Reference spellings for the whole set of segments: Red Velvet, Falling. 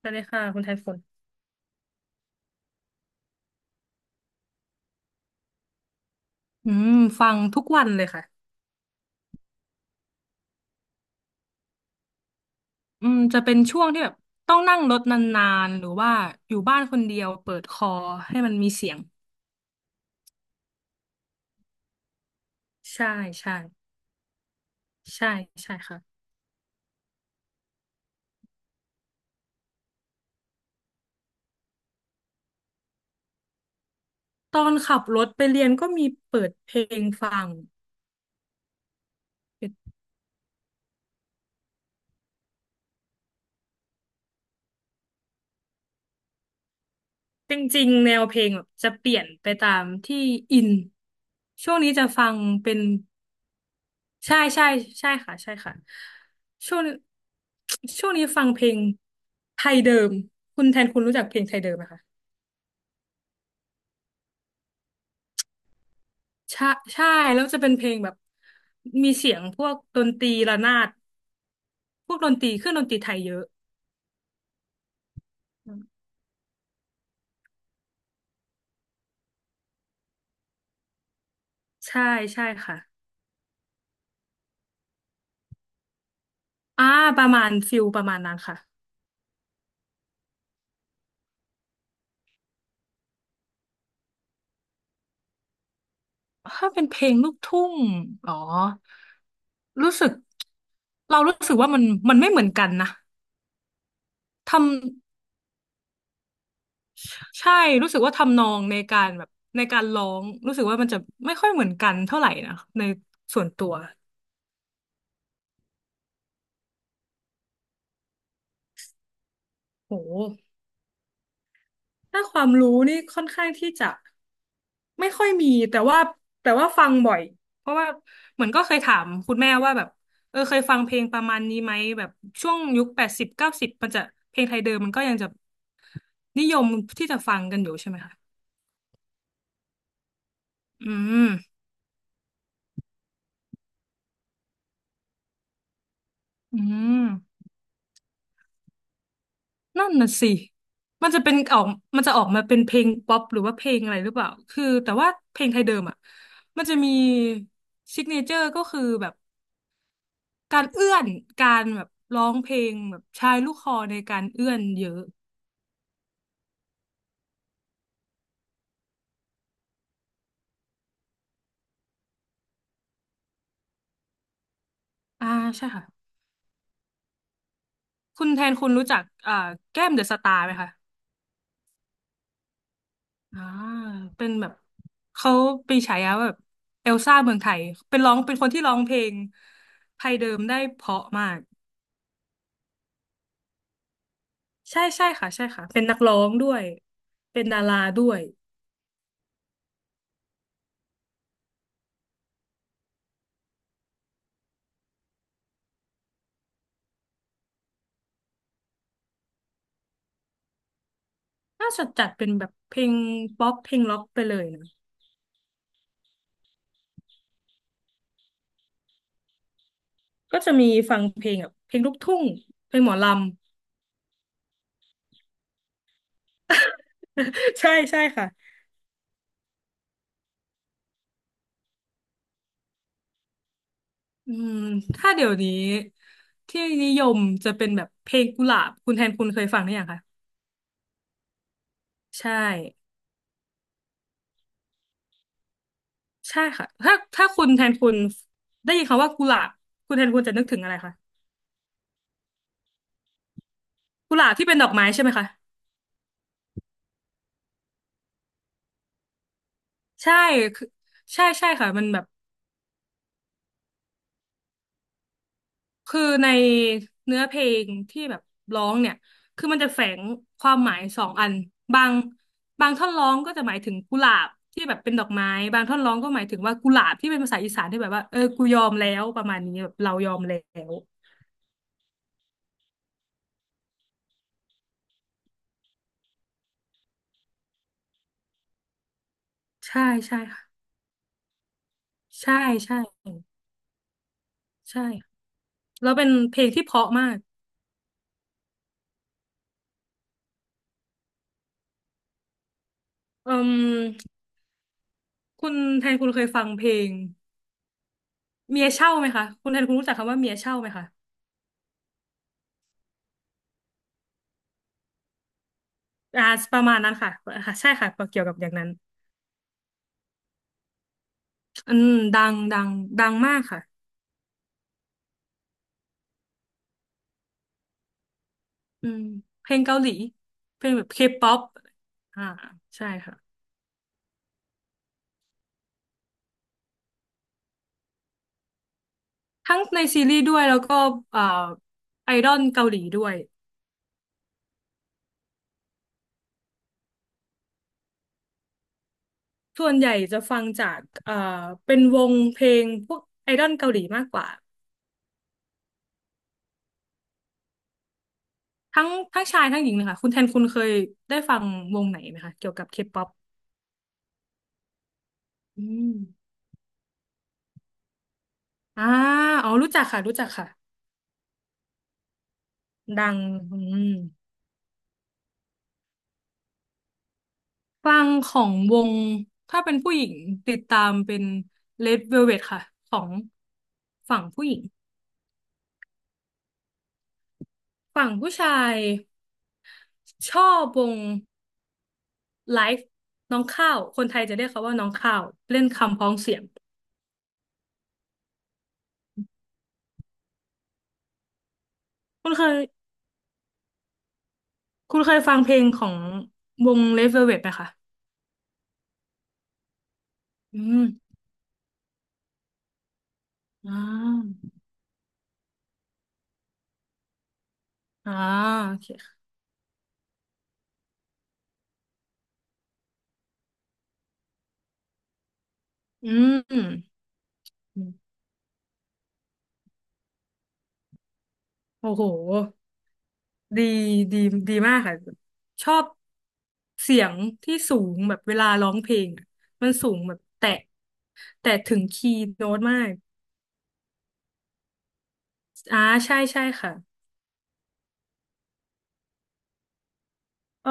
สวัสดีค่ะคุณไทฝุ่นอืมฟังทุกวันเลยค่ะจะเป็นช่วงที่แบบต้องนั่งรถนานๆหรือว่าอยู่บ้านคนเดียวเปิดคอให้มันมีเสียงใช่ใช่ใช่ใช่ค่ะตอนขับรถไปเรียนก็มีเปิดเพลงฟังจริงๆแนวเพลงแบบจะเปลี่ยนไปตามที่อินช่วงนี้จะฟังเป็นใช่ใช่ใช่ค่ะใช่ค่ะช่วงช่วงนี้ฟังเพลงไทยเดิมคุณแทนคุณรู้จักเพลงไทยเดิมไหมคะ ใช่ใช่แล้วจะเป็นเพลงแบบมีเสียงพวกดนตรีระนาดพวกดนตรีเครื่องดนตรีไทยเยอะใช่ใช่ค่ะอ่าประมาณฟิลประมาณนั้นค่ะถ้าเป็นเพลงลูกทุ่งอ๋อรู้สึกเรารู้สึกว่ามันไม่เหมือนกันนะทำใช่รู้สึกว่าทำนองในการร้องรู้สึกว่ามันจะไม่ค่อยเหมือนกันเท่าไหร่นะในส่วนตัวโห ถ้าความรู้นี่ค่อนข้างที่จะไม่ค่อยมีแต่ว่าฟังบ่อยเพราะว่าเหมือนก็เคยถามคุณแม่ว่าแบบเออเคยฟังเพลงประมาณนี้ไหมแบบช่วงยุค80 90มันจะเพลงไทยเดิมมันก็ยังจะนิยมที่จะฟังกันอยู่ใช่ไหมคะอืมอืมนั่นน่ะสิมันจะเป็นออกมันจะออกมาเป็นเพลงป๊อปหรือว่าเพลงอะไรหรือเปล่าคือแต่ว่าเพลงไทยเดิมอ่ะมันจะมีซิกเนเจอร์ก็คือแบบ การเอื้อนการแบบร้องเพลงแบบใช้ลูกคอในการเอื้อนเยอะอ่าใช่ค่ะคุณแทนคุณรู้จักแก้มเดอะสตาร์ไหมคะอ่าเป็นแบบเขาปีฉายาว่าแบบเอลซ่าเมืองไทยเป็นคนที่ร้องเพลงไทยเดิมได้เพราะมากใช่ใช่ค่ะใช่ค่ะเป็นนักร้องด้วยเป็นดาราด้วยน่าจะจัดเป็นแบบเพลงป๊อปเพลงล็อกไปเลยนะก็จะมีฟังเพลงแบบเพลงลูกทุ่งเพลงหมอลำ ใช่ใช่ค่ะ อืมถ้าเดี๋ยวนี้ที่นิยมจะเป็นแบบเพลงกุหลาบคุณแทนคุณเคยฟังหรือยังคะใช่ใช่ค่ะถ้าคุณแทนคุณได้ยินคำว่ากุหลาบคุณแทนคุณจะนึกถึงอะไรคะกุหลาบที่เป็นดอกไม้ใช่ไหมคะใช่คือใช่ใช่ค่ะมันแบบ คือในเนื้อเพลงที่แบบร้องเนี่ยคือมันจะแฝงความหมายสองอันบางบางท่อนร้องก็จะหมายถึงกุหลาบที่แบบเป็นดอกไม้บางท่อนร้องก็หมายถึงว่ากุหลาบที่เป็นภาษาอีสานที่แบบว่าเออกูยอมแล้วประมาณนี้แบบเรายอมแล้วใช่ใช่ค่ะใช่ใช่ใช่แล้วเป็นเพลงที่เพราะมากอืมคุณแทนคุณเคยฟังเพลงเมียเช่าไหมคะคุณแทนคุณรู้จักคำว่าเมียเช่าไหมคะอ่าประมาณนั้นค่ะอ่าใช่ค่ะเกี่ยวกับอย่างนั้น อืมดังดังดังมากค่ะอืมเพลงเกาหลีเพลงแบบเคป๊อปอ่าใช่ค่ะทั้งในซีรีส์ด้วยแล้วก็เอ่อไอดอลเกาหลีด้วยส่วนใหญ่จะฟังจากเป็นวงเพลงพวกไอดอลเกาหลีมากกว่าทั้งทั้งชายทั้งหญิงเลยค่ะคุณแทนคุณเคยได้ฟังวงไหนไหมคะเกี่ยวกับเคป๊อปอืมอ่าอ๋อรู้จักค่ะรู้จักค่ะดังอืม ฟังของวงถ้าเป็นผู้หญิงติดตามเป็น Red Velvet ค่ะของฝั่งผู้หญิงฝั่งผู้ชายชอบวงไลฟ์น้องข้าวคนไทยจะเรียกเขาว่าน้องข้าวเล่นคำพ้องเสียงคุณเคยคุณเคยฟังเพลงของวง Red Velvet ไหมคะอืมอ่าอ่าโอเคค่ะอืมโอ้โห ดีดีดีมากค่ะชอบเสียงที่สูงแบบเวลาร้องเพลงอะมันสูงแบบแตะแต่ถึงคีย์โน้ตมากอ่าใช่ใช่ค่ะเออ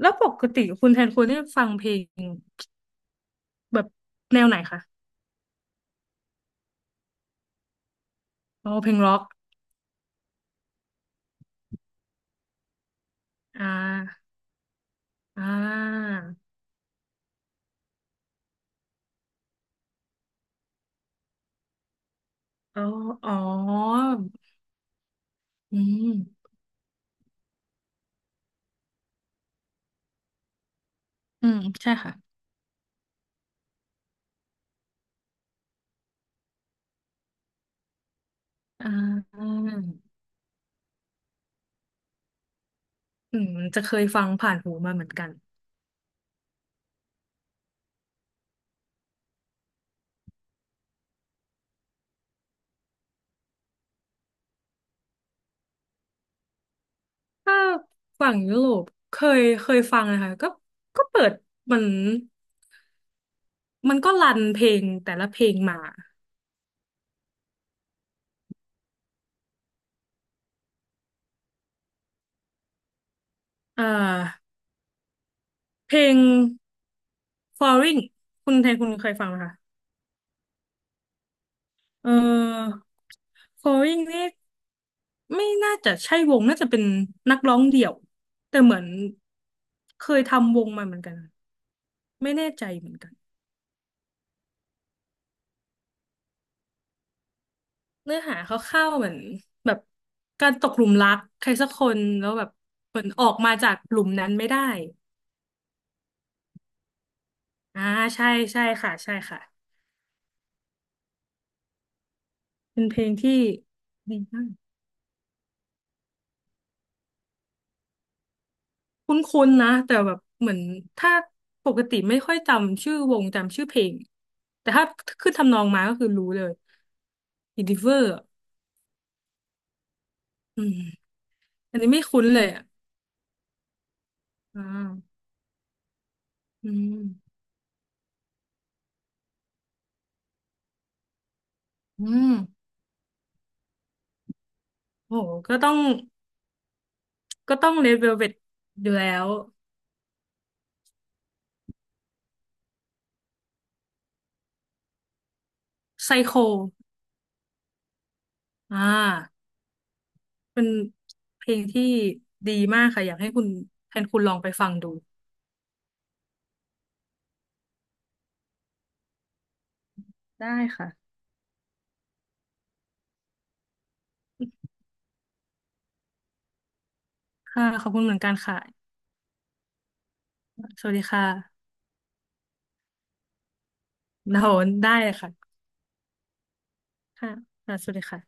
แล้วปกติคุณแทนคุณได้ฟังเพลงแบบแนวไหนคะอ๋อเพลงร็อกอ่าอ่าอ๋ออ๋ออืมอืมใช่ค่ะอ่าจะเคยฟังผ่านหูมาเหมือนกัน ถ้าฝั่งยุโรปเคยฟังนะคะก็เปิดมันมันก็รันเพลงแต่ละเพลงมาอ่าเพลง Falling คุณแทนคุณเคยฟังไหมคะเออ Falling นี่ไม่น่าจะใช่วงน่าจะเป็นนักร้องเดี่ยวแต่เหมือนเคยทำวงมาเหมือนกันไม่แน่ใจเหมือนกัน เนื้อหาคร่าวๆเหมือนแบบการตกหลุมรักใครสักคนแล้วแบบเหมือนออกมาจากหลุมนั้นไม่ได้อ่าใช่ใช่ค่ะใช่ค่ะเป็นเพลงที่ดีมากคุ้นๆนะแต่แบบเหมือนถ้าปกติไม่ค่อยจำชื่อวงจำชื่อเพลงแต่ถ้าขึ้นทำนองมาก็คือรู้เลย I n ดิเวอร์อืมอันนี้ไม่คุ้นเลยอ่ะอ่าอืมอืมโหก็ต้องก็ต้อง Red Velvet อยู่แล้วไซโค อ่าเป็นเพลงที่ดีมากค่ะอยากให้คุณแทนคุณลองไปฟังดูได้ค่ะค่ะขอบคุณเหมือนกันค่ะสวัสดีค่ะเราได้เลยค่ะค่ะสวัสดีค่ะ